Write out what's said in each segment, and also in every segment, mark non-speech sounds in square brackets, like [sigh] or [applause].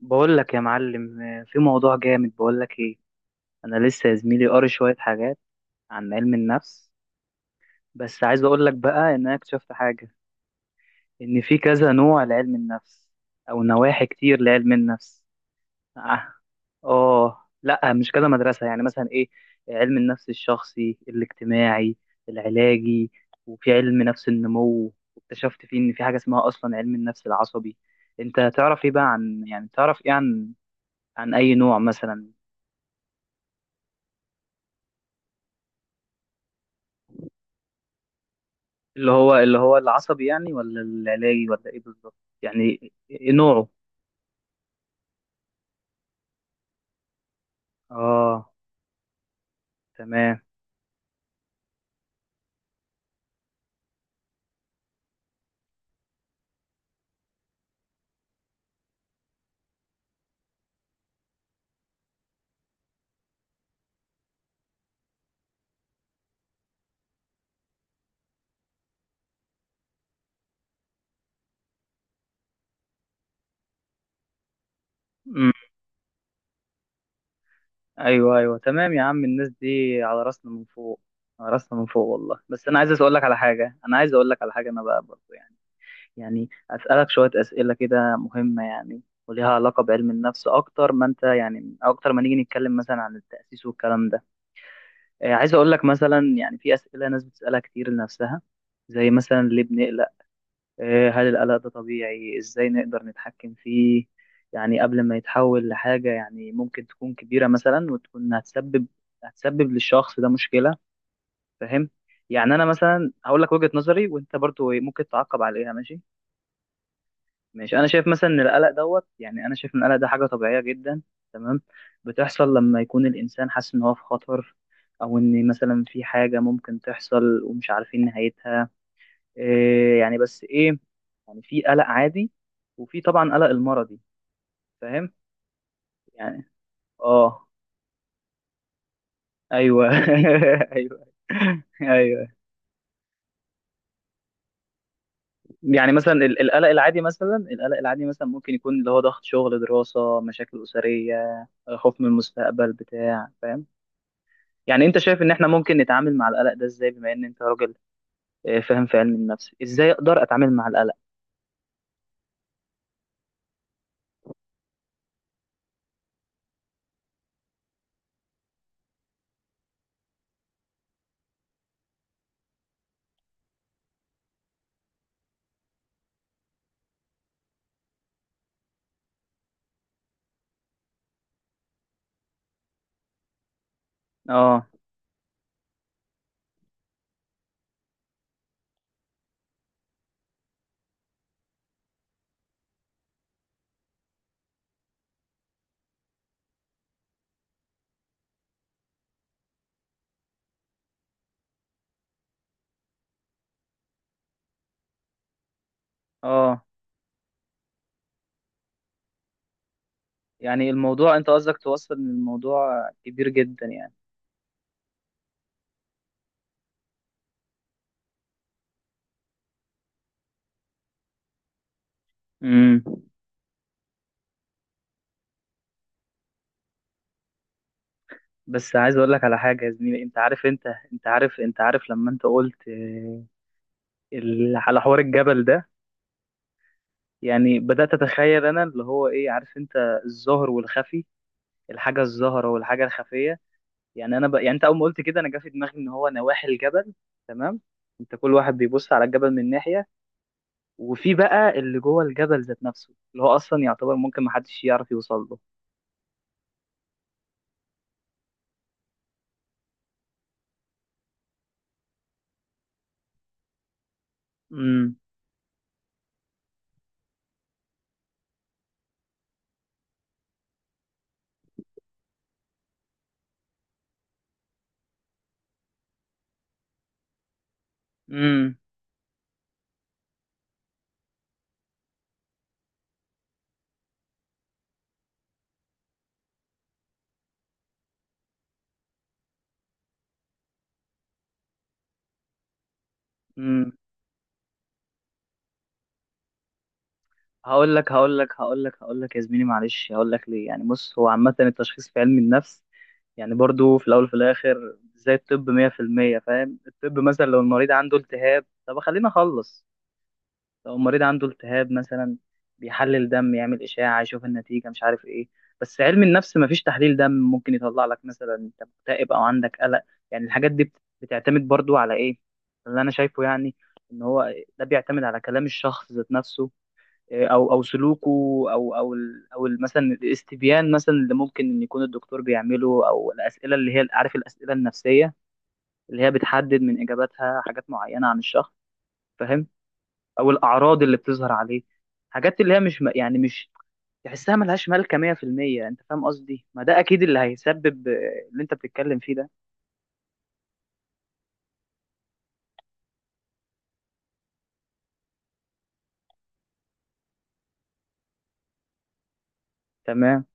بقول لك يا معلم، في موضوع جامد. بقول لك ايه، انا لسه يا زميلي قاري شويه حاجات عن علم النفس، بس عايز اقول لك بقى ان انا اكتشفت حاجه، ان في كذا نوع لعلم النفس او نواحي كتير لعلم النفس. اه. لا مش كذا مدرسه، يعني مثلا ايه، علم النفس الشخصي، الاجتماعي، العلاجي، وفي علم نفس النمو، واكتشفت فيه ان في حاجه اسمها اصلا علم النفس العصبي. انت تعرف ايه بقى عن، يعني تعرف ايه عن، عن اي نوع مثلا؟ اللي هو العصبي يعني، ولا العلاجي، ولا ايه بالظبط؟ يعني إيه نوعه؟ اه، تمام. مم. ايوه ايوه، تمام يا عم. الناس دي على راسنا من فوق، على راسنا من فوق والله. بس انا عايز اسالك على حاجه، انا عايز اقول لك على حاجه انا بقى برضه، يعني يعني اسالك شويه اسئله كده مهمه، يعني وليها علاقه بعلم النفس اكتر ما انت، يعني اكتر ما نيجي نتكلم مثلا عن التاسيس والكلام ده. عايز اقول لك مثلا، يعني في اسئله ناس بتسالها كتير لنفسها، زي مثلا ليه بنقلق؟ هل القلق ده طبيعي؟ ازاي نقدر نتحكم فيه يعني قبل ما يتحول لحاجة يعني ممكن تكون كبيرة مثلا، وتكون هتسبب للشخص ده مشكلة؟ فاهم؟ يعني انا مثلا هقول لك وجهة نظري، وانت برضو إيه، ممكن تعقب عليها، ماشي؟ ماشي. انا شايف مثلا ان القلق يعني انا شايف ان القلق ده حاجة طبيعية جدا، تمام، بتحصل لما يكون الانسان حاسس ان هو في خطر، او ان مثلا في حاجة ممكن تحصل ومش عارفين نهايتها، إيه يعني. بس ايه؟ يعني في قلق عادي، وفي طبعا قلق المرضي. فاهم يعني. اه، ايوه [laughs] ايوه، ايوه. يعني مثلا القلق العادي مثلا، القلق العادي مثلا ممكن يكون اللي هو ضغط شغل، دراسة، مشاكل أسرية، خوف من المستقبل بتاع، فاهم يعني؟ انت شايف ان احنا ممكن نتعامل مع القلق ده ازاي، بما ان انت راجل فاهم في علم النفس؟ ازاي اقدر اتعامل مع القلق؟ اه، اه. يعني الموضوع، انت قصدك توصل ان الموضوع كبير جدا. يعني بس عايز اقول لك على حاجه يا زميلي، انت عارف انت، انت عارف، انت عارف لما انت قلت على حوار الجبل ده، يعني بدات اتخيل انا اللي هو ايه، عارف انت، الظاهر والخفي، الحاجه الظاهره والحاجه الخفيه. يعني انا يعني انت اول ما قلت كده انا جه في دماغي ان هو نواحي الجبل، تمام؟ انت كل واحد بيبص على الجبل من ناحيه، وفي بقى اللي جوه الجبل، ذات نفسه، اللي هو اصلا يعتبر ممكن محدش يعرف يوصل له. امم، امم. امم. هقول لك يا زميلي، معلش، هقول لك ليه. يعني بص، هو عامة التشخيص في علم النفس يعني برضو في الأول وفي الآخر زي الطب 100%، فاهم؟ الطب مثلا لو المريض عنده التهاب، طب خلينا أخلص، لو المريض عنده التهاب مثلا بيحلل دم، يعمل إشاعة، يشوف النتيجة، مش عارف إيه. بس علم النفس مفيش تحليل دم ممكن يطلع لك مثلا أنت مكتئب أو عندك قلق. يعني الحاجات دي بتعتمد برضو على إيه؟ اللي أنا شايفه يعني، إن هو ده بيعتمد على كلام الشخص ذات نفسه، او او سلوكه، او او مثلا الاستبيان مثلا اللي ممكن ان يكون الدكتور بيعمله، او الاسئله اللي هي، عارف، الاسئله النفسيه، اللي هي بتحدد من اجاباتها حاجات معينه عن الشخص، فاهم؟ او الاعراض اللي بتظهر عليه. حاجات اللي هي مش م- يعني مش تحسها، ملهاش مالكه 100%، انت فاهم قصدي؟ ما ده اكيد اللي هيسبب اللي انت بتتكلم فيه ده. تمام.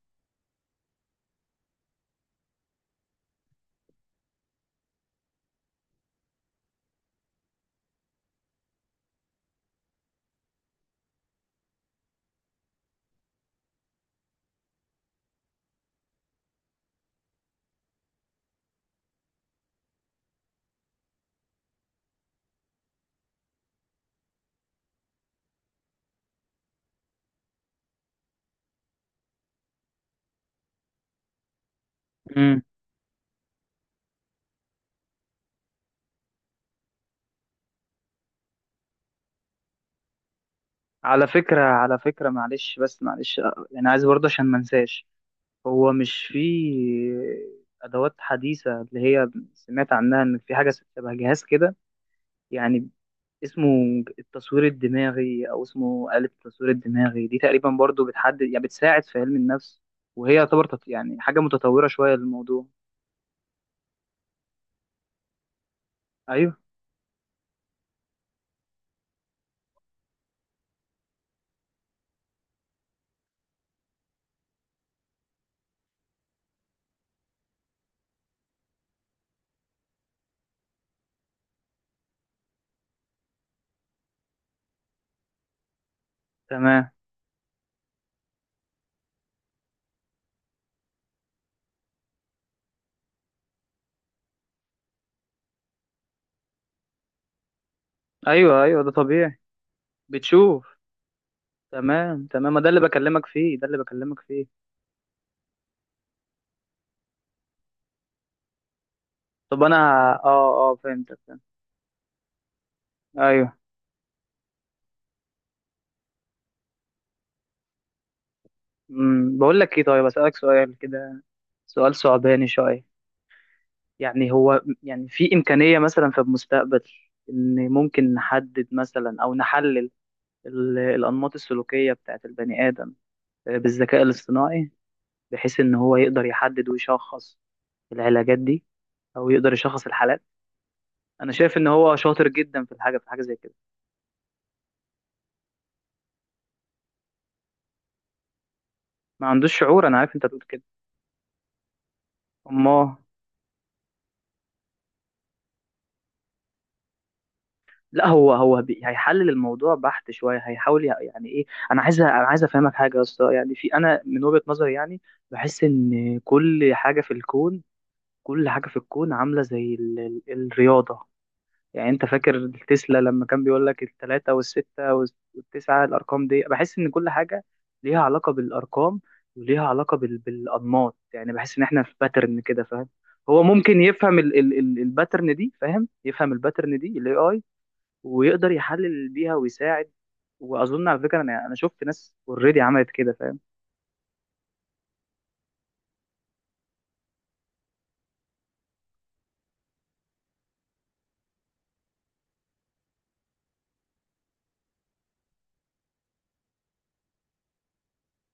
امم، على فكره، على فكره، معلش بس، معلش، يعني عايز برضه عشان ما انساش، هو مش فيه أدوات حديثة، اللي هي سمعت عنها إن في حاجة شبه جهاز كده، يعني اسمه التصوير الدماغي، أو اسمه آلة التصوير الدماغي دي، تقريبا برضو بتحدد، يعني بتساعد في علم النفس، وهي يعتبر يعني حاجة متطورة شوية للموضوع؟ أيوه، تمام. أيوه أيوه، ده طبيعي. بتشوف، تمام تمام. ما ده اللي بكلمك فيه، ده اللي بكلمك فيه. طب أنا، آه آه، فهمتك. أيوه. أمم، بقول لك إيه، طيب أسألك سؤال كده، سؤال صعباني شوية. يعني هو، يعني في إمكانية مثلا في المستقبل، إن ممكن نحدد مثلا أو نحلل الأنماط السلوكية بتاعت البني آدم بالذكاء الاصطناعي، بحيث إن هو يقدر يحدد ويشخص العلاجات دي، أو يقدر يشخص الحالات؟ أنا شايف إن هو شاطر جدا في الحاجة، في حاجة زي كده. ما عندوش شعور، أنا عارف أنت بتقول كده. أمال؟ لا، هو هو هيحلل الموضوع بحت شويه، هيحاول يعني ايه، انا عايز افهمك حاجه يا اسطى، يعني في، انا من وجهه نظري يعني بحس ان كل حاجه في الكون، كل حاجه في الكون عامله زي ال الرياضه، يعني انت فاكر تسلا لما كان بيقول لك الثلاثه والسته والتسعه؟ الارقام دي بحس ان كل حاجه ليها علاقه بالارقام، وليها علاقه بالانماط. يعني بحس ان احنا في باترن كده، فاهم؟ هو ممكن يفهم الباترن دي، فاهم؟ يفهم الباترن دي الاي، ويقدر يحلل بيها ويساعد. واظن على فكره، انا انا شفت ناس اوريدي عملت كده، فاهم؟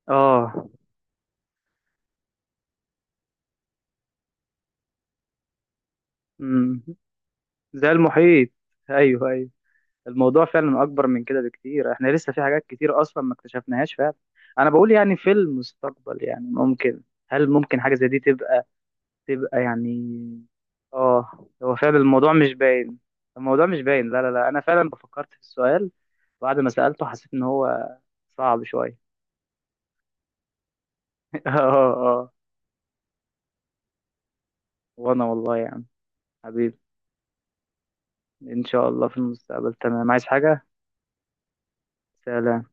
اه. امم. زي المحيط. ايوه ايوه، الموضوع فعلا اكبر من كده بكتير، احنا لسه في حاجات كتير اصلا ما اكتشفناهاش فعلا. انا بقول يعني في المستقبل يعني ممكن، هل ممكن حاجه زي دي تبقى، تبقى يعني؟ اه، هو فعلا الموضوع مش باين، الموضوع مش باين. لا لا لا، انا فعلا فكرت في السؤال، بعد ما سألته حسيت ان هو صعب شويه. [laughs] اه، اه. وانا والله يا عم، حبيبي، ان شاء الله في المستقبل، تمام. عايز حاجة؟ سلام.